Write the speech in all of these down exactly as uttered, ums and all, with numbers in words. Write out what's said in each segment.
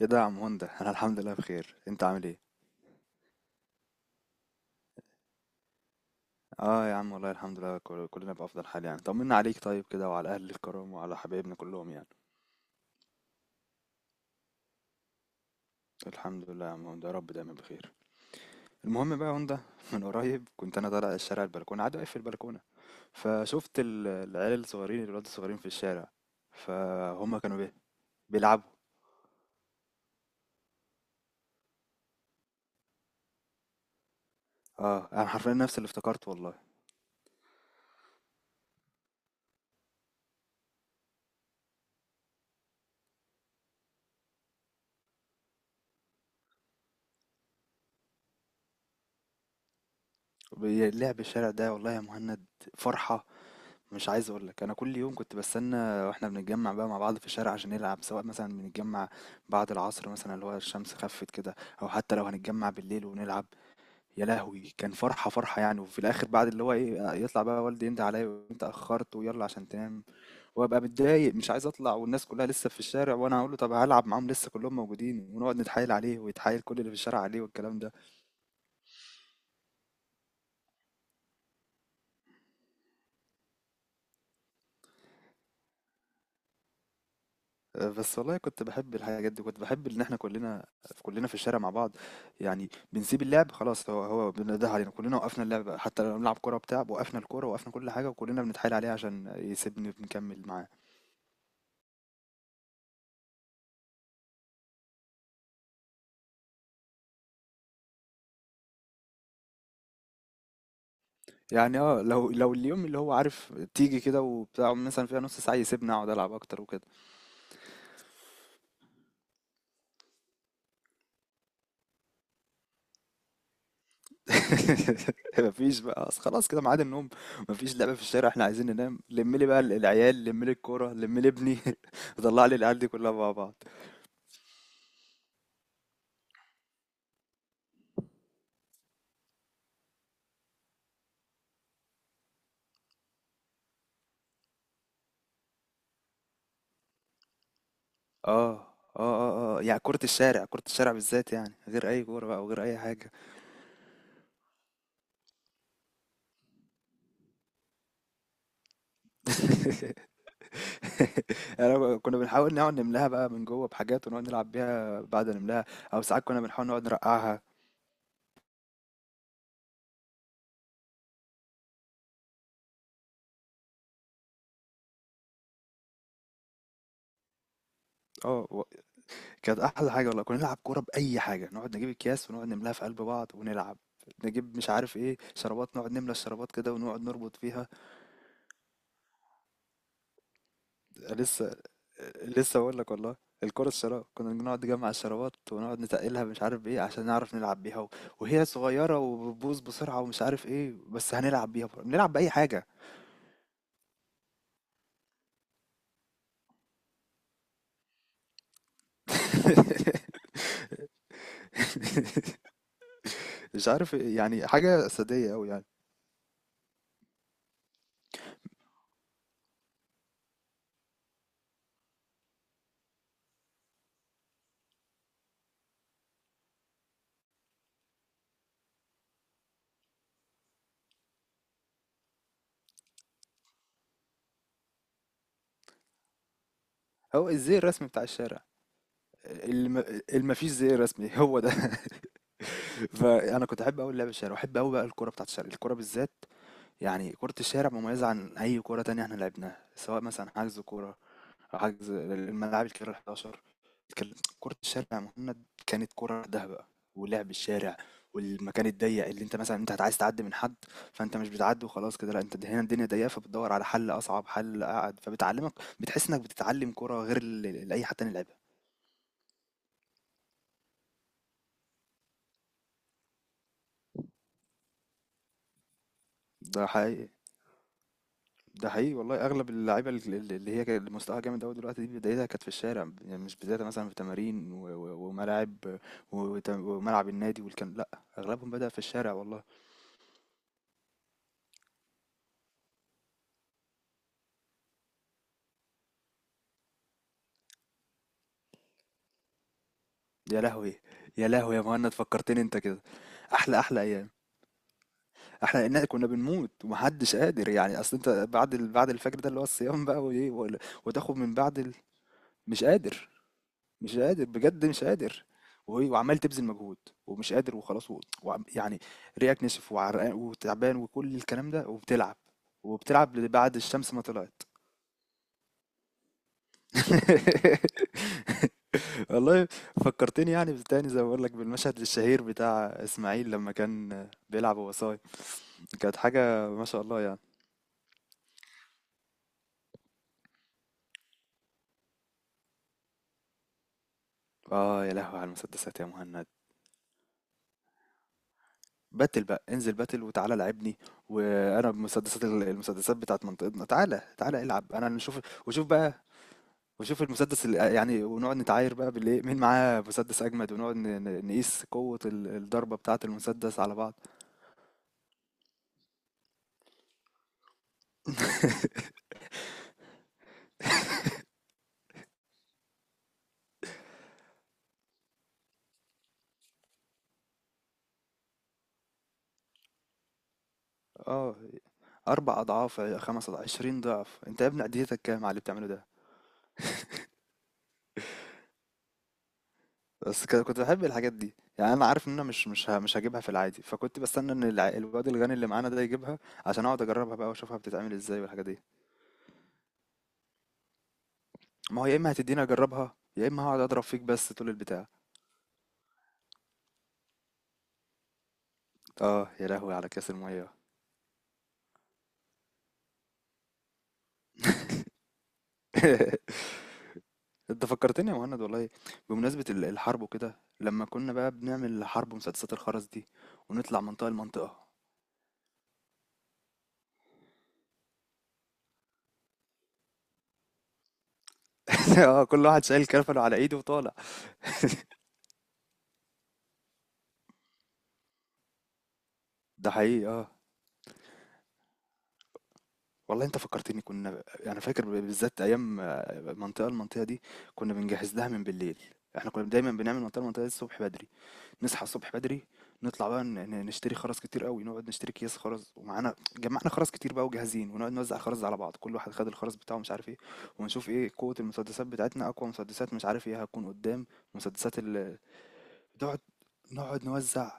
ايه ده يا عم هوندا انا الحمد لله بخير، انت عامل ايه؟ اه يا عم والله الحمد لله، كل- كلنا بافضل حال يعني. طمنا عليك طيب كده وعلى اهل الكرام وعلى حبايبنا كلهم يعني. الحمد لله يا عم هوندا، يا رب دايما بخير. المهم بقى يا هوندا من قريب كنت انا طالع الشارع البلكونه، قاعد واقف في البلكونه، فشفت ال- العيال الصغيرين، الولاد الصغيرين في الشارع، فهم كانوا بيه بيلعبوا. اه انا حرفيا نفس اللي افتكرت والله. بي- لعب الشارع ده والله يا مهند فرحه. مش عايز اقول لك، انا كل يوم كنت بستنى واحنا بنتجمع بقى مع بعض في الشارع عشان نلعب، سواء مثلا بنتجمع بعد العصر مثلا اللي هو الشمس خفت كده، او حتى لو هنتجمع بالليل ونلعب. يا لهوي كان فرحة فرحة يعني. وفي الاخر بعد اللي هو ايه، يطلع بقى والدي يندى عليا، وانت اخرت ويلا عشان تنام. وابقى متضايق مش عايز اطلع، والناس كلها لسه في الشارع، وانا هقول له طب هلعب معاهم لسه كلهم موجودين، ونقعد نتحايل عليه ويتحايل كل اللي في الشارع عليه، والكلام ده. آه، بس والله كنت بحب الحاجات دي. كنت بحب ان احنا كلنا، كلنا في الشارع مع بعض يعني. بنسيب اللعب خلاص، هو هو بنده علينا كلنا، وقفنا اللعب حتى لو بنلعب كوره بتاع، وقفنا الكوره وقفنا كل حاجه، وكلنا بنتحايل عليه عشان يسيبني بنكمل معاه. يعني اه لو لو اليوم اللي هو عارف تيجي كده وبتاع، مثلا فيها نص ساعه يسيبني اقعد العب اكتر وكده. مفيش بقى، أصل خلاص كده ميعاد النوم، مفيش لعبه في الشارع، احنا عايزين ننام. لم لي بقى العيال، لم لي الكوره، لم لي ابني طلع لي العيال دي كلها مع بعض. اه اه اه اه يعني كرة الشارع، كرة الشارع بالذات يعني غير أي كورة بقى وغير أي حاجة. يعني كنا بنحاول نقعد نملاها بقى من جوه بحاجات ونقعد نلعب بيها بعد نملاها. أو ساعات كنا بنحاول نقعد نرقعها. اه و- كانت أحلى حاجة والله. كنا نلعب كورة بأي حاجة، نقعد نجيب أكياس ونقعد نملاها في قلب بعض ونلعب. نجيب مش عارف ايه شرابات، نقعد نملى الشرابات كده ونقعد نربط فيها. لسه، لسه بقول لك والله. الكرة الشراب كنا بنقعد نجمع الشرابات ونقعد نتقلها مش عارف ايه عشان نعرف نلعب بيها. و... وهي صغيرة وبتبوظ بسرعة ومش عارف ايه، بس هنلعب بيها بر- بنلعب بأي حاجة. مش عارف إيه، يعني حاجة أساسية أوي يعني. هو الزي الرسمي بتاع الشارع. الم... المفيش زي رسمي هو ده. فأنا كنت أحب أوي اللعب الشارع، وأحب أوي بقى الكرة بتاعت الشارع، الكرة بالذات. يعني كرة الشارع مميزة عن أي كرة تانية احنا لعبناها، سواء مثلا حجز كورة أو حجز الملاعب الكبيرة حداشر. كان- كرة الشارع يا مهند كانت كرة لوحدها بقى، ولعب الشارع والمكان الضيق اللي انت مثلا انت عايز تعدي من حد، فانت مش بتعدي وخلاص كده، لا انت هنا الدنيا ضيقه فبتدور على حل، اصعب حل اقعد فبتعلمك. بتحس انك بتتعلم كرة غير اللي اللي اي حد تاني لعبها. ده حقيقي، ده حقيقي والله. اغلب اللعيبه الل- الل- اللي هي كانت مستواها جامد قوي دلوقتي دي بدايتها كانت في الشارع، يعني مش بدايتها مثلا في تمارين و- و- وملاعب وت- وملعب النادي والكلام، لا. اغلبهم بدأ في الشارع والله. يا لهوي، يا لهوي يا مهند فكرتني انت كده. احلى، احلى ايام. احلى ان كنا بنموت ومحدش قادر يعني، اصل انت بعد ال- بعد الفجر ده اللي هو الصيام بقى وايه وال- وتاخد من بعد ال... مش قادر، مش قادر بجد مش قادر. وهي- وعمال تبذل مجهود ومش قادر وخلاص، و... وعم- يعني ريقك نشف وعرقان وتعبان وكل الكلام ده وبتلعب. وبتلعب ل- بعد الشمس ما طلعت. والله فكرتني يعني تاني زي ما بقول لك بالمشهد الشهير بتاع اسماعيل لما كان بيلعب وهو صايم. كانت حاجة ما شاء الله يعني. اه يا لهوي على المسدسات يا مهند. باتل بقى، انزل باتل وتعالى لعبني. وانا بمسدسات ال- المسدسات بتاعت منطقتنا، تعالى تعالى العب انا نشوف. وشوف بقى، وشوف المسدس اللي يعني، ونقعد نتعاير بقى بالايه مين معاه مسدس اجمد، ونقعد ن- ن- نقيس قوة ال- الضربة بتاعة المسدس على بعض. اه اربع اضعاف، خمس اضعاف، عشرين ضعف، انت يا ابني عديتك كام على اللي بتعمله ده. بس ك- كنت بحب الحاجات دي يعني. انا عارف ان انا مش مش ه- مش هجيبها في العادي، فكنت بستنى ان الع- الواد الغني اللي معانا ده يجيبها، عشان اقعد اجربها بقى واشوفها بتتعمل ازاي والحاجات دي. ما هو يا اما هتديني اجربها، يا اما هقعد اضرب فيك بس طول البتاع. اه يا لهوي على كاس الميه. انت فكرتني يا مهند والله. بمناسبة ال- الحرب وكده، لما كنا بقى بنعمل حرب مسدسات الخرز دي، ونطلع منطقة لمنطقة. اه كل واحد شايل كرفله على ايده وطالع. ده حقيقي اه. والله انت فكرتني، كنا ب- انا فاكر ب- بالذات ايام آه، منطقة المنطقة دي كنا بنجهز لها من بالليل. احنا كنا دايما بنعمل منطقة المنطقة دي الصبح بدري، نصحى الصبح بدري، نطلع بقى ن- ن- نشتري خرز كتير قوي، نقعد نشتري اكياس خرز، ومعانا جمعنا خرز كتير بقى وجاهزين، ونقعد نوزع خرز على بعض، كل واحد خد الخرز بتاعه مش عارف ايه. ونشوف ايه قوة المسدسات بتاعتنا، اقوى مسدسات مش عارف ايه هتكون قدام. مسدسات ال، نقعد نقعد نوزع،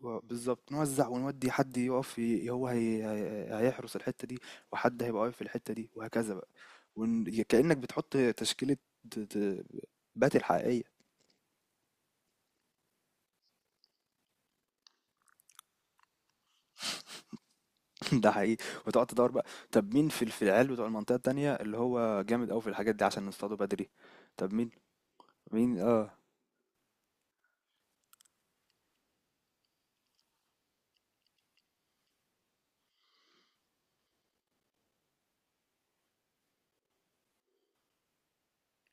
و- بالظبط نوزع، ونودي حد يقف ي- هو هي... هي- هيحرس الحتة دي، وحد هيبقى واقف في الحتة دي، وهكذا بقى. ون... كأنك بتحط تشكيلة، د- د- باتل حقيقية. ده حقيقي. وتقعد تدور بقى طب مين في في العيال بتوع المنطقة التانية اللي هو جامد أوي في الحاجات دي عشان نصطاده بدري. طب مين، مين اه.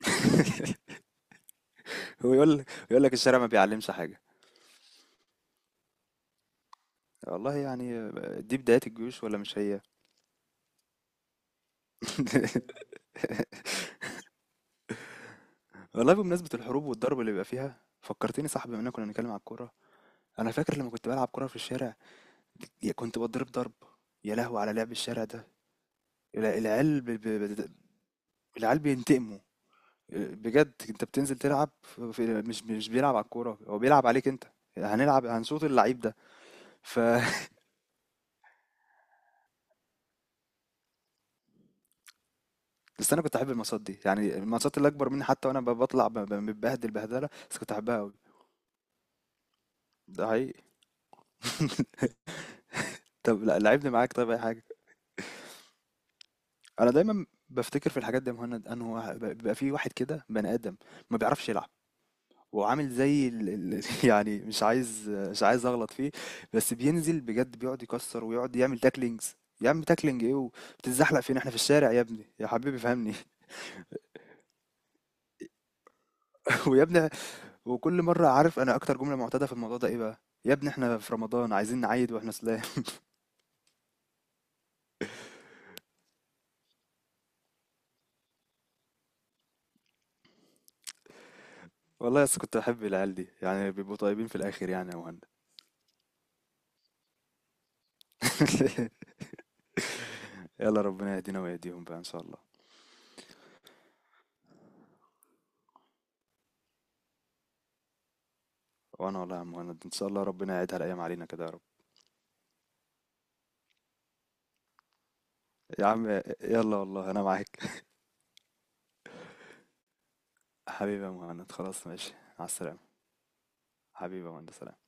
هو يقول، يقول لك الشارع ما بيعلمش حاجة. والله يعني، دي بداية الجيوش ولا مش هي؟ والله بمناسبة الحروب والضرب اللي بيبقى فيها فكرتني صاحبي، بما اننا كنا بنتكلم على الكورة. انا فاكر لما كنت بلعب كورة في الشارع، يا كنت بتضرب ضرب. يا لهوي على لعب الشارع ده. الع- العيال ب... ب... ب- العيال بينتقموا. بجد انت بتنزل تلعب في في- مش مش بيلعب على الكوره، هو بيلعب عليك انت. هنلعب، هنشوط اللعيب ده. ف بس انا كنت احب الماتشات دي يعني، الماتشات اللي اكبر مني. حتى وانا ب- بطلع ب- ب- متبهدل بهدله، بس كنت احبها قوي. ده حقيقي. طب لا لعبني معاك، طيب اي حاجه. انا دايما بفتكر في الحاجات دي يا مهند، انه واحد- بيبقى في واحد كده بني ادم ما بيعرفش يلعب، وعامل زي ال... ال... يعني مش عايز، مش عايز اغلط فيه. بس بينزل بجد بيقعد يكسر ويقعد يعمل تاكلينجز. يا عم تاكلينج ايه وبتتزحلق فين، احنا في الشارع يا ابني يا حبيبي فهمني. ويا ابني، وكل مره، عارف انا اكتر جمله معتاده في الموضوع ده ايه بقى؟ يا ابني احنا في رمضان عايزين نعيد واحنا سلام. والله بس كنت بحب العيال دي، يعني بيبقوا طيبين في الاخر يعني يا مهند. يلا ربنا يهدينا ويهديهم بقى ان شاء الله. وانا والله يا عم مهند ان شاء الله ربنا يعيدها الايام علينا كده يا رب. يا عم، يلا والله انا معاك. حبيبي يا مهند خلاص ماشي، على السلامة. حبيبي يا مهند سلام.